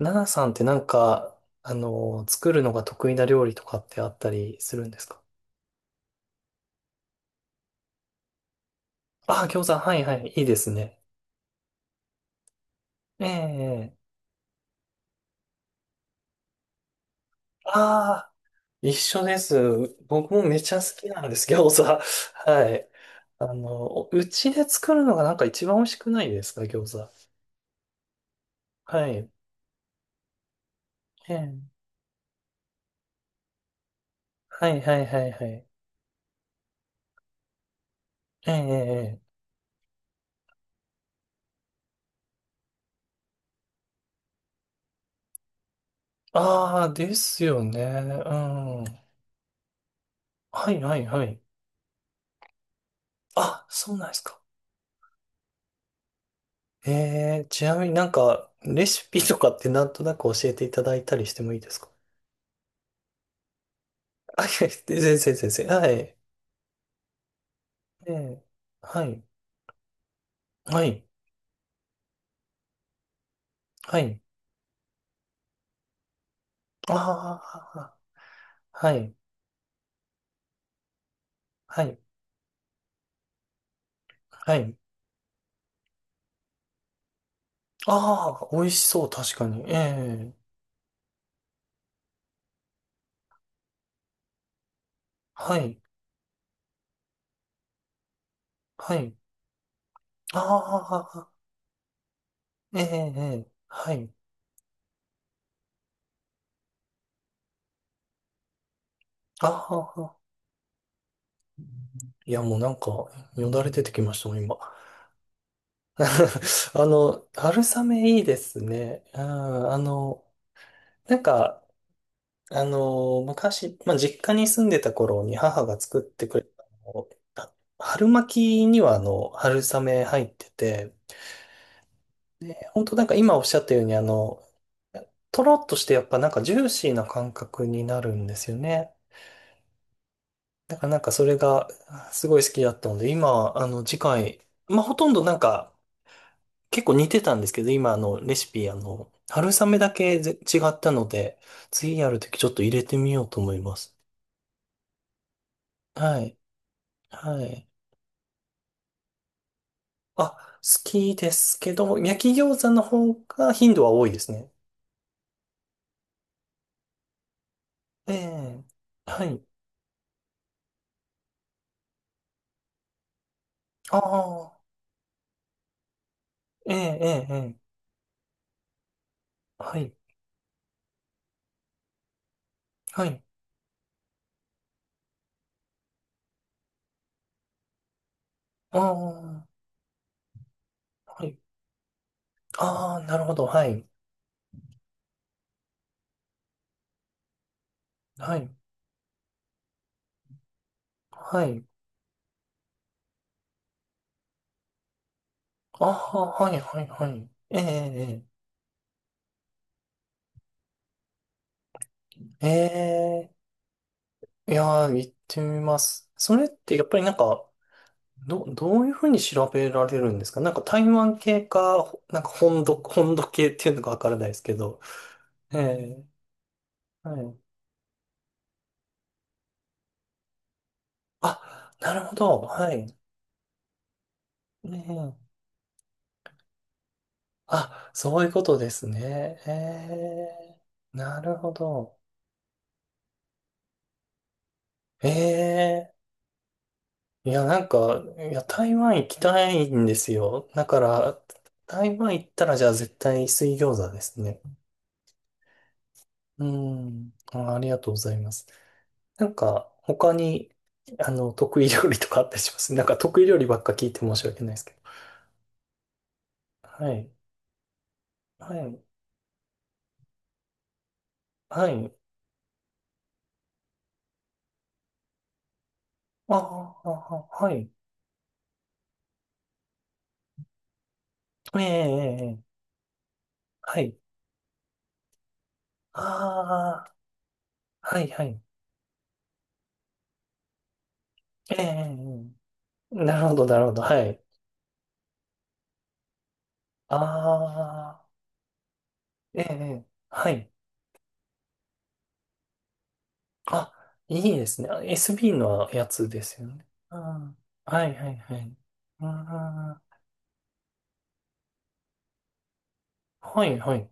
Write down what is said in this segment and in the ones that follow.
ナナさんって作るのが得意な料理とかってあったりするんですか？ああー、餃子、はいはい、いいですね。ええ、ああ、一緒です。僕もめちゃ好きなんです、餃子。はい。おうちで作るのが一番美味しくないですか、餃子。はい。ええ、はいはいはいはい。ええええ、ああ、ですよね。うん。はいはいはい。あ、そうなんですか。えー、ちなみにレシピとかってなんとなく教えていただいたりしてもいいですか？ あ、いや、先生、先生、はい。ええ、はい、はい、はい。ああ、はい、はい、はい。ああ、美味しそう、確かに。ええ、はい、はい。ああ、ええええ、はい。ああ、いや、もうなんか、よだれ出てきましたもん、今。春雨いいですね。うん、なんか、昔、実家に住んでた頃に母が作ってくれたの、あ春巻きには春雨入ってて、で、本当なんか今おっしゃったようにとろっとしてやっぱジューシーな感覚になるんですよね。だからそれがすごい好きだったので、今、次回、まあ、ほとんどなんか結構似てたんですけど、今レシピ、春雨だけぜ違ったので、次やるときちょっと入れてみようと思います。はい。はい。あ、好きですけど、焼き餃子の方が頻度は多いですね。ええ。はい。ああ、ええ、ええ、ええ。はい。はい。ああ、はい。ああ、なるほど。はい。はい。はい。ああ、はい、はい、はい。ええ、ええ。ええ、いやー、行ってみます。それってやっぱりどういうふうに調べられるんですか？台湾系か、本土、本土系っていうのかわからないですけど。ええ、はい。あ、なるほど。はい。うん、あ、そういうことですね。ええ、なるほど。ええ、いや、台湾行きたいんですよ。だから、台湾行ったら、じゃあ絶対水餃子ですね。うん。あ、ありがとうございます。なんか、他に、あの、得意料理とかあったりします？得意料理ばっか聞いて申し訳ないですけど。はい。はい。はい。ああ、ああ、はい。ええ、ええ、ええ、はい。ああ、はいはい。ええ、ええ、なるほど、なるほど、はい。ああ、ええ、ええ、はい。あ、いいですね。あ、 SB のやつですよね。うん。はいはいはい。うん。はいはい。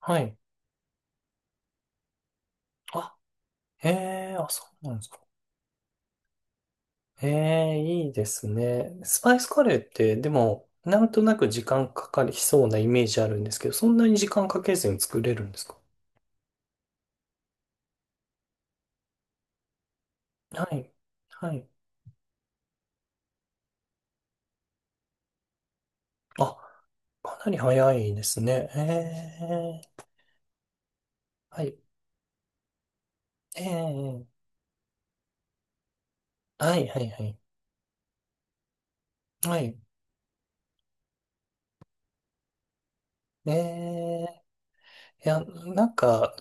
はい。あ、ええ、あ、そうなんですか。ええ、いいですね。スパイスカレーって、でも、なんとなく時間かかりそうなイメージあるんですけど、そんなに時間かけずに作れるんですか？はい。はい。あ、かなり早いですね。えー、はい。えー、はい、はい、はい。はい。えー、いや、なんか、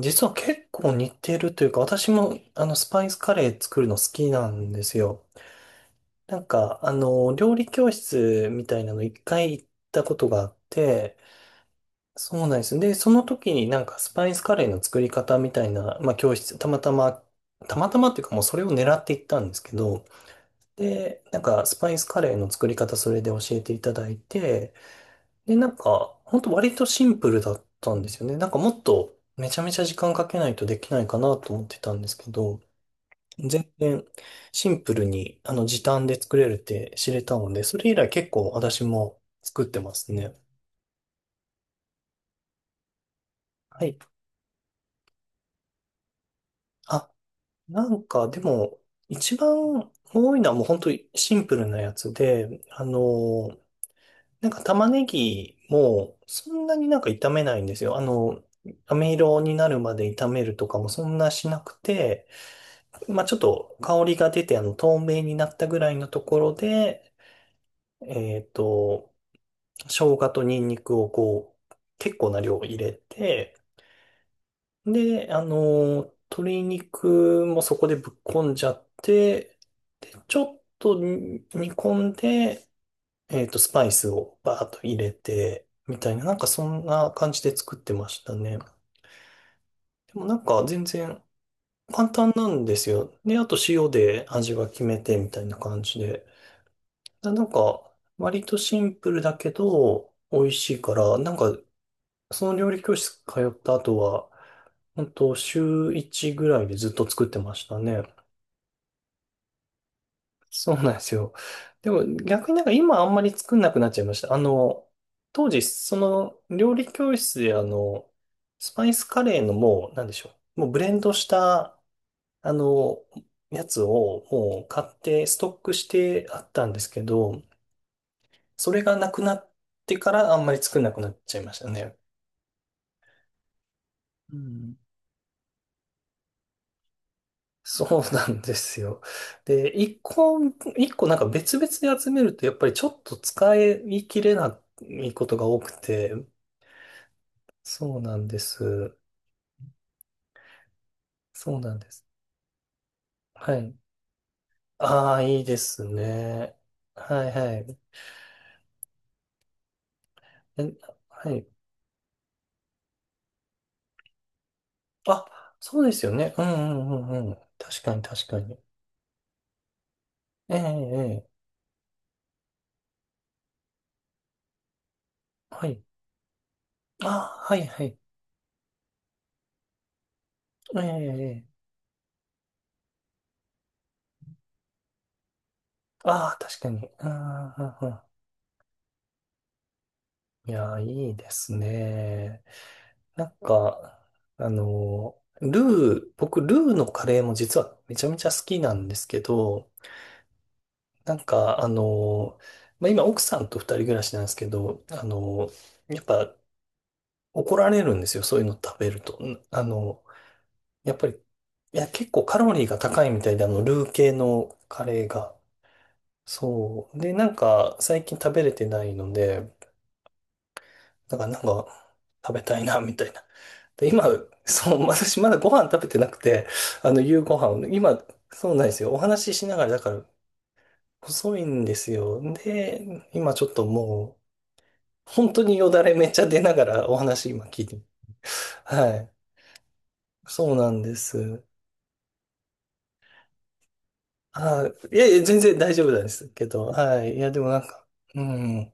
実は結構似てるというか、私も、スパイスカレー作るの好きなんですよ。料理教室みたいなの一回行ったことがあって、そうなんです。で、その時にスパイスカレーの作り方みたいな、教室、たまたまっていうか、もうそれを狙って行ったんですけど、で、スパイスカレーの作り方それで教えていただいて、で、ほんと割とシンプルだったんですよね。もっとめちゃめちゃ時間かけないとできないかなと思ってたんですけど、全然シンプルに時短で作れるって知れたので、それ以来結構私も作ってますね。はい。あ、なんかでも、一番多いのはもう本当にシンプルなやつで、玉ねぎもそんなに炒めないんですよ。飴色になるまで炒めるとかもそんなしなくて、まあちょっと香りが出て透明になったぐらいのところで、えっと、生姜とニンニクをこう、結構な量入れて、で、鶏肉もそこでぶっこんじゃって、で、ちょっと煮込んで、スパイスをバーッと入れて、みたいな、そんな感じで作ってましたね。でも全然簡単なんですよ。で、あと塩で味は決めてみたいな感じで。ななんか、割とシンプルだけど、美味しいから、その料理教室通った後は、本当週1ぐらいでずっと作ってましたね。そうなんですよ。でも逆に今あんまり作んなくなっちゃいました。当時その料理教室でスパイスカレーのもう、なんでしょう。もうブレンドした、あの、やつをもう買ってストックしてあったんですけど、それがなくなってからあんまり作んなくなっちゃいましたね。うん。そうなんですよ。で、一個別々で集めるとやっぱりちょっと使い切れないことが多くて、そうなんです。そうなんです。はい。ああ、いいですね。はいはい。え、はい。あ、そうですよね。うんうんうんうん。確かに確かに。ええええ。はい。ああ、はいはい。ええええ。ああ、確かに。うんうんうんうん。いやー、いいですね。なんか、僕、ルーのカレーも実はめちゃめちゃ好きなんですけど、なんか、あの、今、奥さんと二人暮らしなんですけど、やっぱ怒られるんですよ、そういうの食べると。ん、やっぱり、結構カロリーが高いみたいで、ルー系のカレーが。そう。で、最近食べれてないので、だから食べたいな、みたいな。で、今、そう、私まだご飯食べてなくて、夕ご飯を、今、そうなんですよ。お話ししながら、だから、細いんですよ。で、今ちょっともう、本当によだれめっちゃ出ながらお話今聞いて、はい。そうなんです。あ、いいやいや、全然大丈夫なんですけど。はい。いや、でもなんか、うん。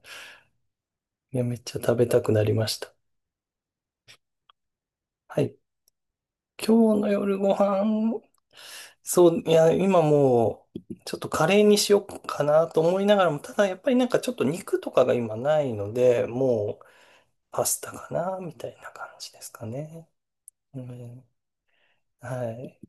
いや、めっちゃ食べたくなりました。はい。今日の夜ご飯、今もう、ちょっとカレーにしようかなと思いながらも、ただやっぱりちょっと肉とかが今ないので、もう、パスタかな、みたいな感じですかね。うん。はい。